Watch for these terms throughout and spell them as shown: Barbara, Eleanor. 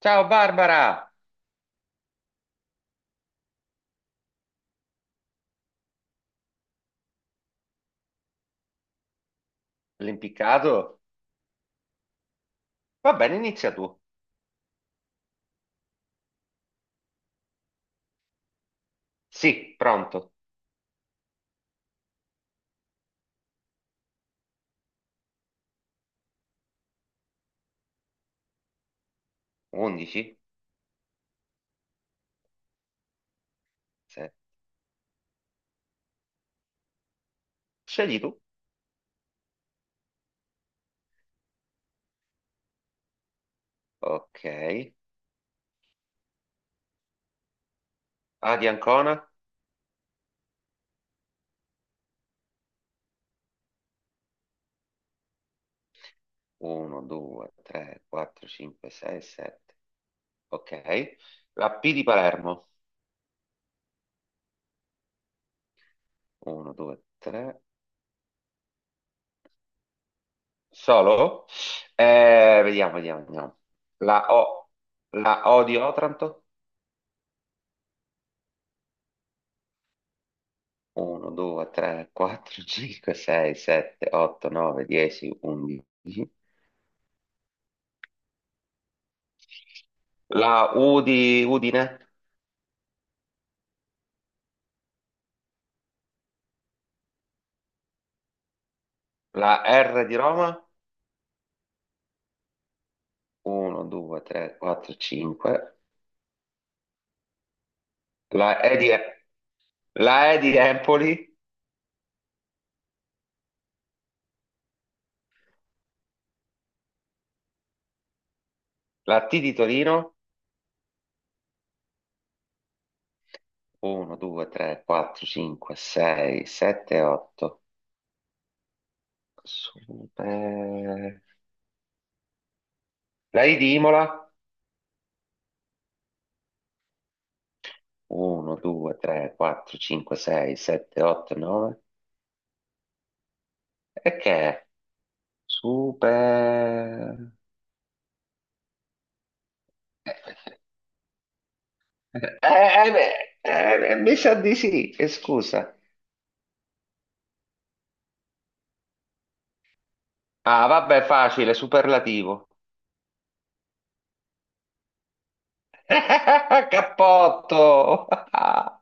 Ciao Barbara, l'impiccato? Va bene, inizia tu. Sì, pronto. 11? Sì. Scegli tu. Ok. A di Ancona? 1, 2, 3, 4, 5, 6, 7. Ok. La P di Palermo? 1, 2, 3. Solo? Vediamo, vediamo, vediamo. La O. La O di Otranto? 1, 2, 3, 4, 5, 6, 7, 8, 9, 10, 11. La U di Udine, la R di Roma, 1, 2, 3, 4, 5, la E di, la E di Empoli, la T di Torino, 1, 2, 3, 4, 5, 6, 7, 8, Super- la I di Imola, 1, 2, 3, 4, 5, 6, 7, 8, 9, e che è? Super... Eh, beh, mi sa di sì, e scusa. Ah, vabbè, facile, superlativo. Cappotto!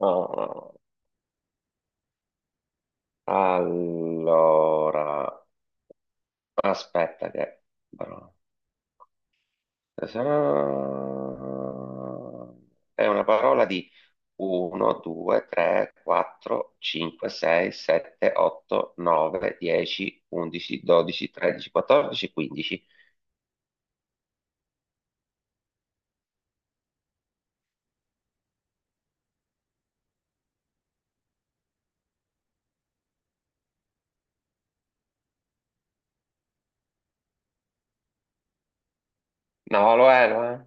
Oh, allora, aspetta che, però- è una parola di 1, 2, 3, 4, 5, 6, 7, 8, 9, 10, 11, 12, 13, 14, 15. No, lo è, lo è.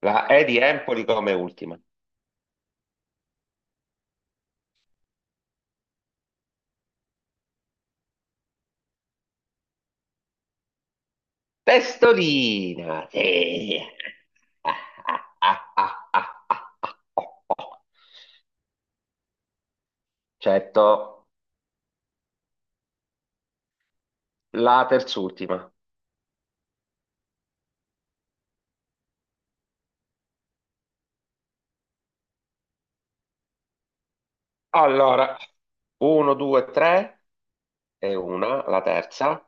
La E di Empoli come ultima. Testolina, sì. Certo, la terz'ultima. Allora, 1, 2, 3 e una, la terza,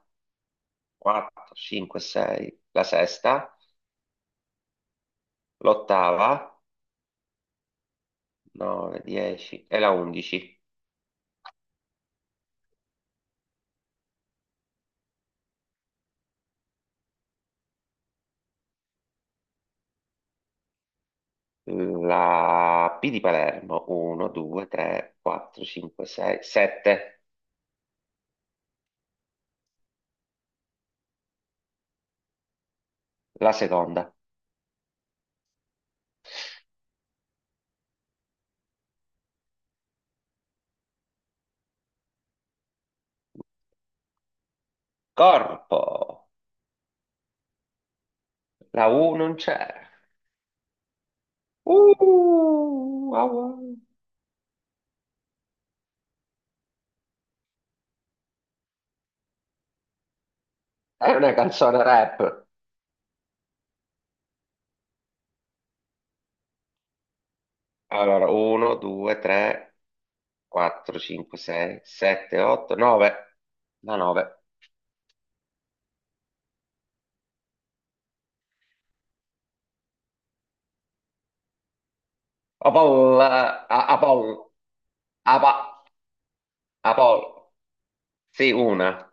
4, 5, 6, la sesta, l'ottava, 9, 10 e la 11. La P di Palermo, 1, 2, 3, 4, 5, 6, 7, la seconda. Corpo, la U non c'è. Ah, wow. È una canzone rap. Allora, 1, 2, 3, 4, 5, 6, 7, 8, 9. Da 9. Apol, Apol, Apa- Apol. Sì, una.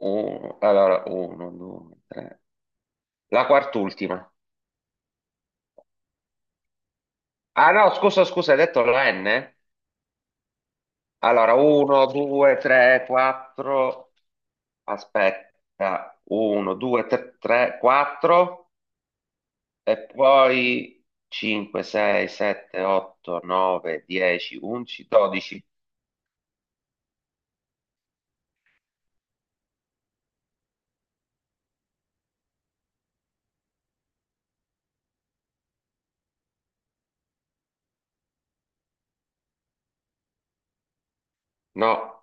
Allora, 1, 2, 3. La quart'ultima. Ah no, scusa, scusa, hai detto la N? Allora, 1, 2, 3, 4. Aspetta. 1, 2, 3, 4. E poi 5, 6, 7, 8, 9, 10, 11, 12. No,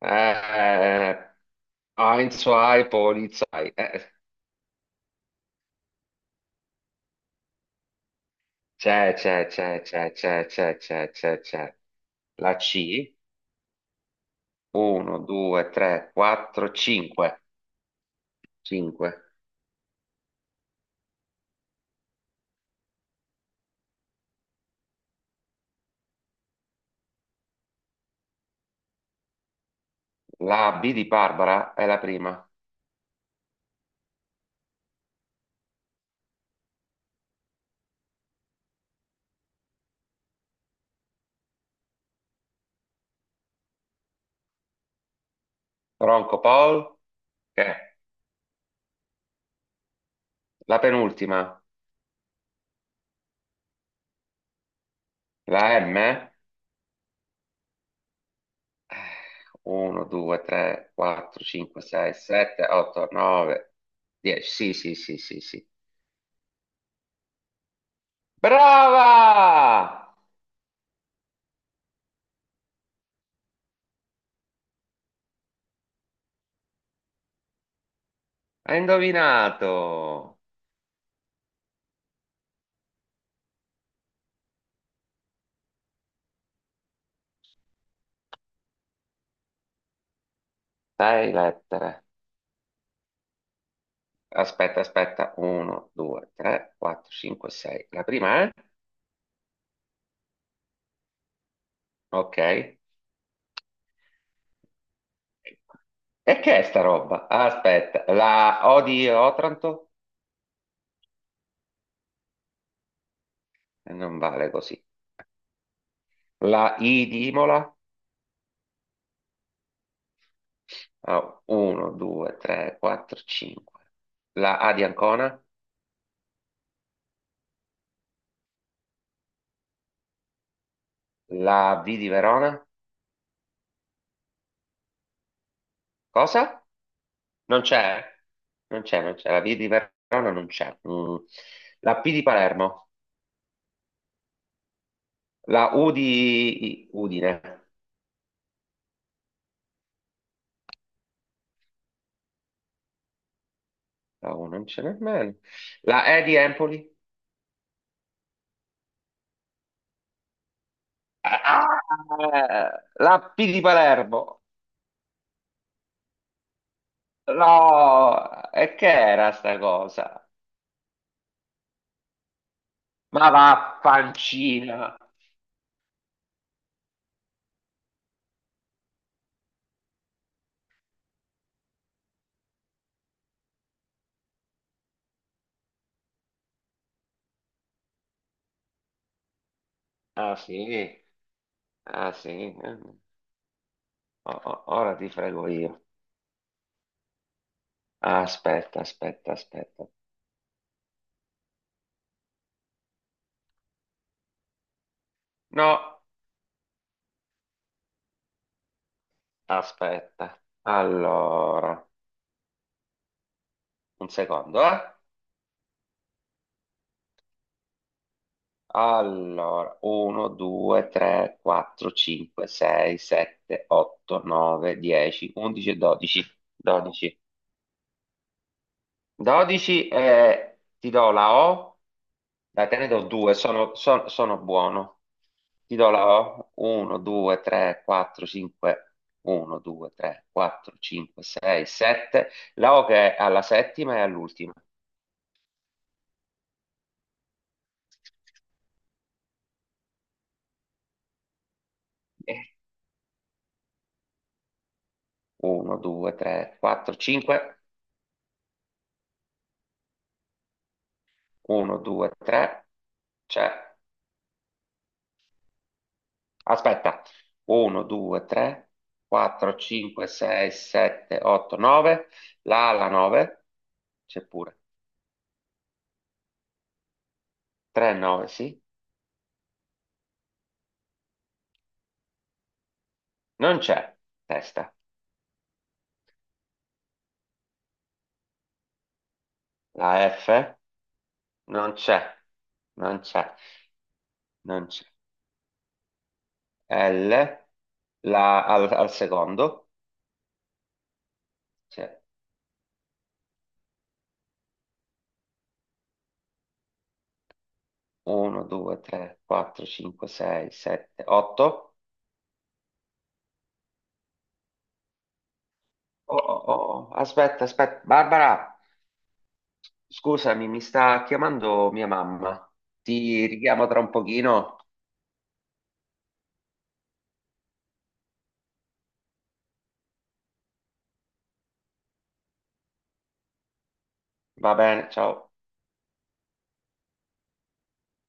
eh, Heinz, Hai, Polizei. C'è, c'è, c'è, c'è, c'è, c'è, c'è, c'è, c'è. La C, 1, 2, 3, 4, 5. 5. La B di Barbara è la prima. Ronco Paul, che è la penultima. La M? 1, 2, 3, 4, 5, 6, 7, 8, 9, 10. Sì, sì, sì, sì, sì. Brava! Hai indovinato. Sei lettere. Aspetta, aspetta. 1, 2, 3, 4, 5, 6. La prima è? Ok. E che è sta roba? Aspetta. La O di Otranto? Non vale così. La I di Imola? 1, 2, 3, 4, 5. La A di Ancona? La V di Verona? Cosa? Non c'è, non c'è, non c'è. La V di Verona non c'è. Mm. La P di Palermo, la U di Udine, la U non c'è nemmeno. La E di Empoli, ah! La P di Palermo, no, e che era sta cosa? Ma va, pancina. Ah sì, ah sì, oh, oh, ora ti frego io. Aspetta, aspetta, aspetta. No. Aspetta, allora, un secondo, eh? Allora, 1, 2, 3, 4, 5, 6, 7, 8, 9, 10, 11 e 12. 12. 12 e ti do la O, da te ne do 2, sono buono. Ti do la O, 1, 2, 3, 4, 5, 1, 2, 3, 4, 5, 6, 7. La O che è alla settima e all'ultima. 1, 2, 3, 4, 5. 1, 2, 3. C'è. Aspetta. 1, 2, 3, 4, 5, 6, 7, 8, 9. La alla 9. C'è pure. 3, 9, sì. Non c'è. Testa. La F. Non c'è. Non c'è. Non c'è. L. Al secondo. C'è. 1, 2, 3, 4, 5, 6, 7, 8. Oh, oh, oh, oh. Aspetta, aspetta. Barbara, scusami, mi sta chiamando mia mamma. Ti richiamo tra un pochino. Va bene, ciao.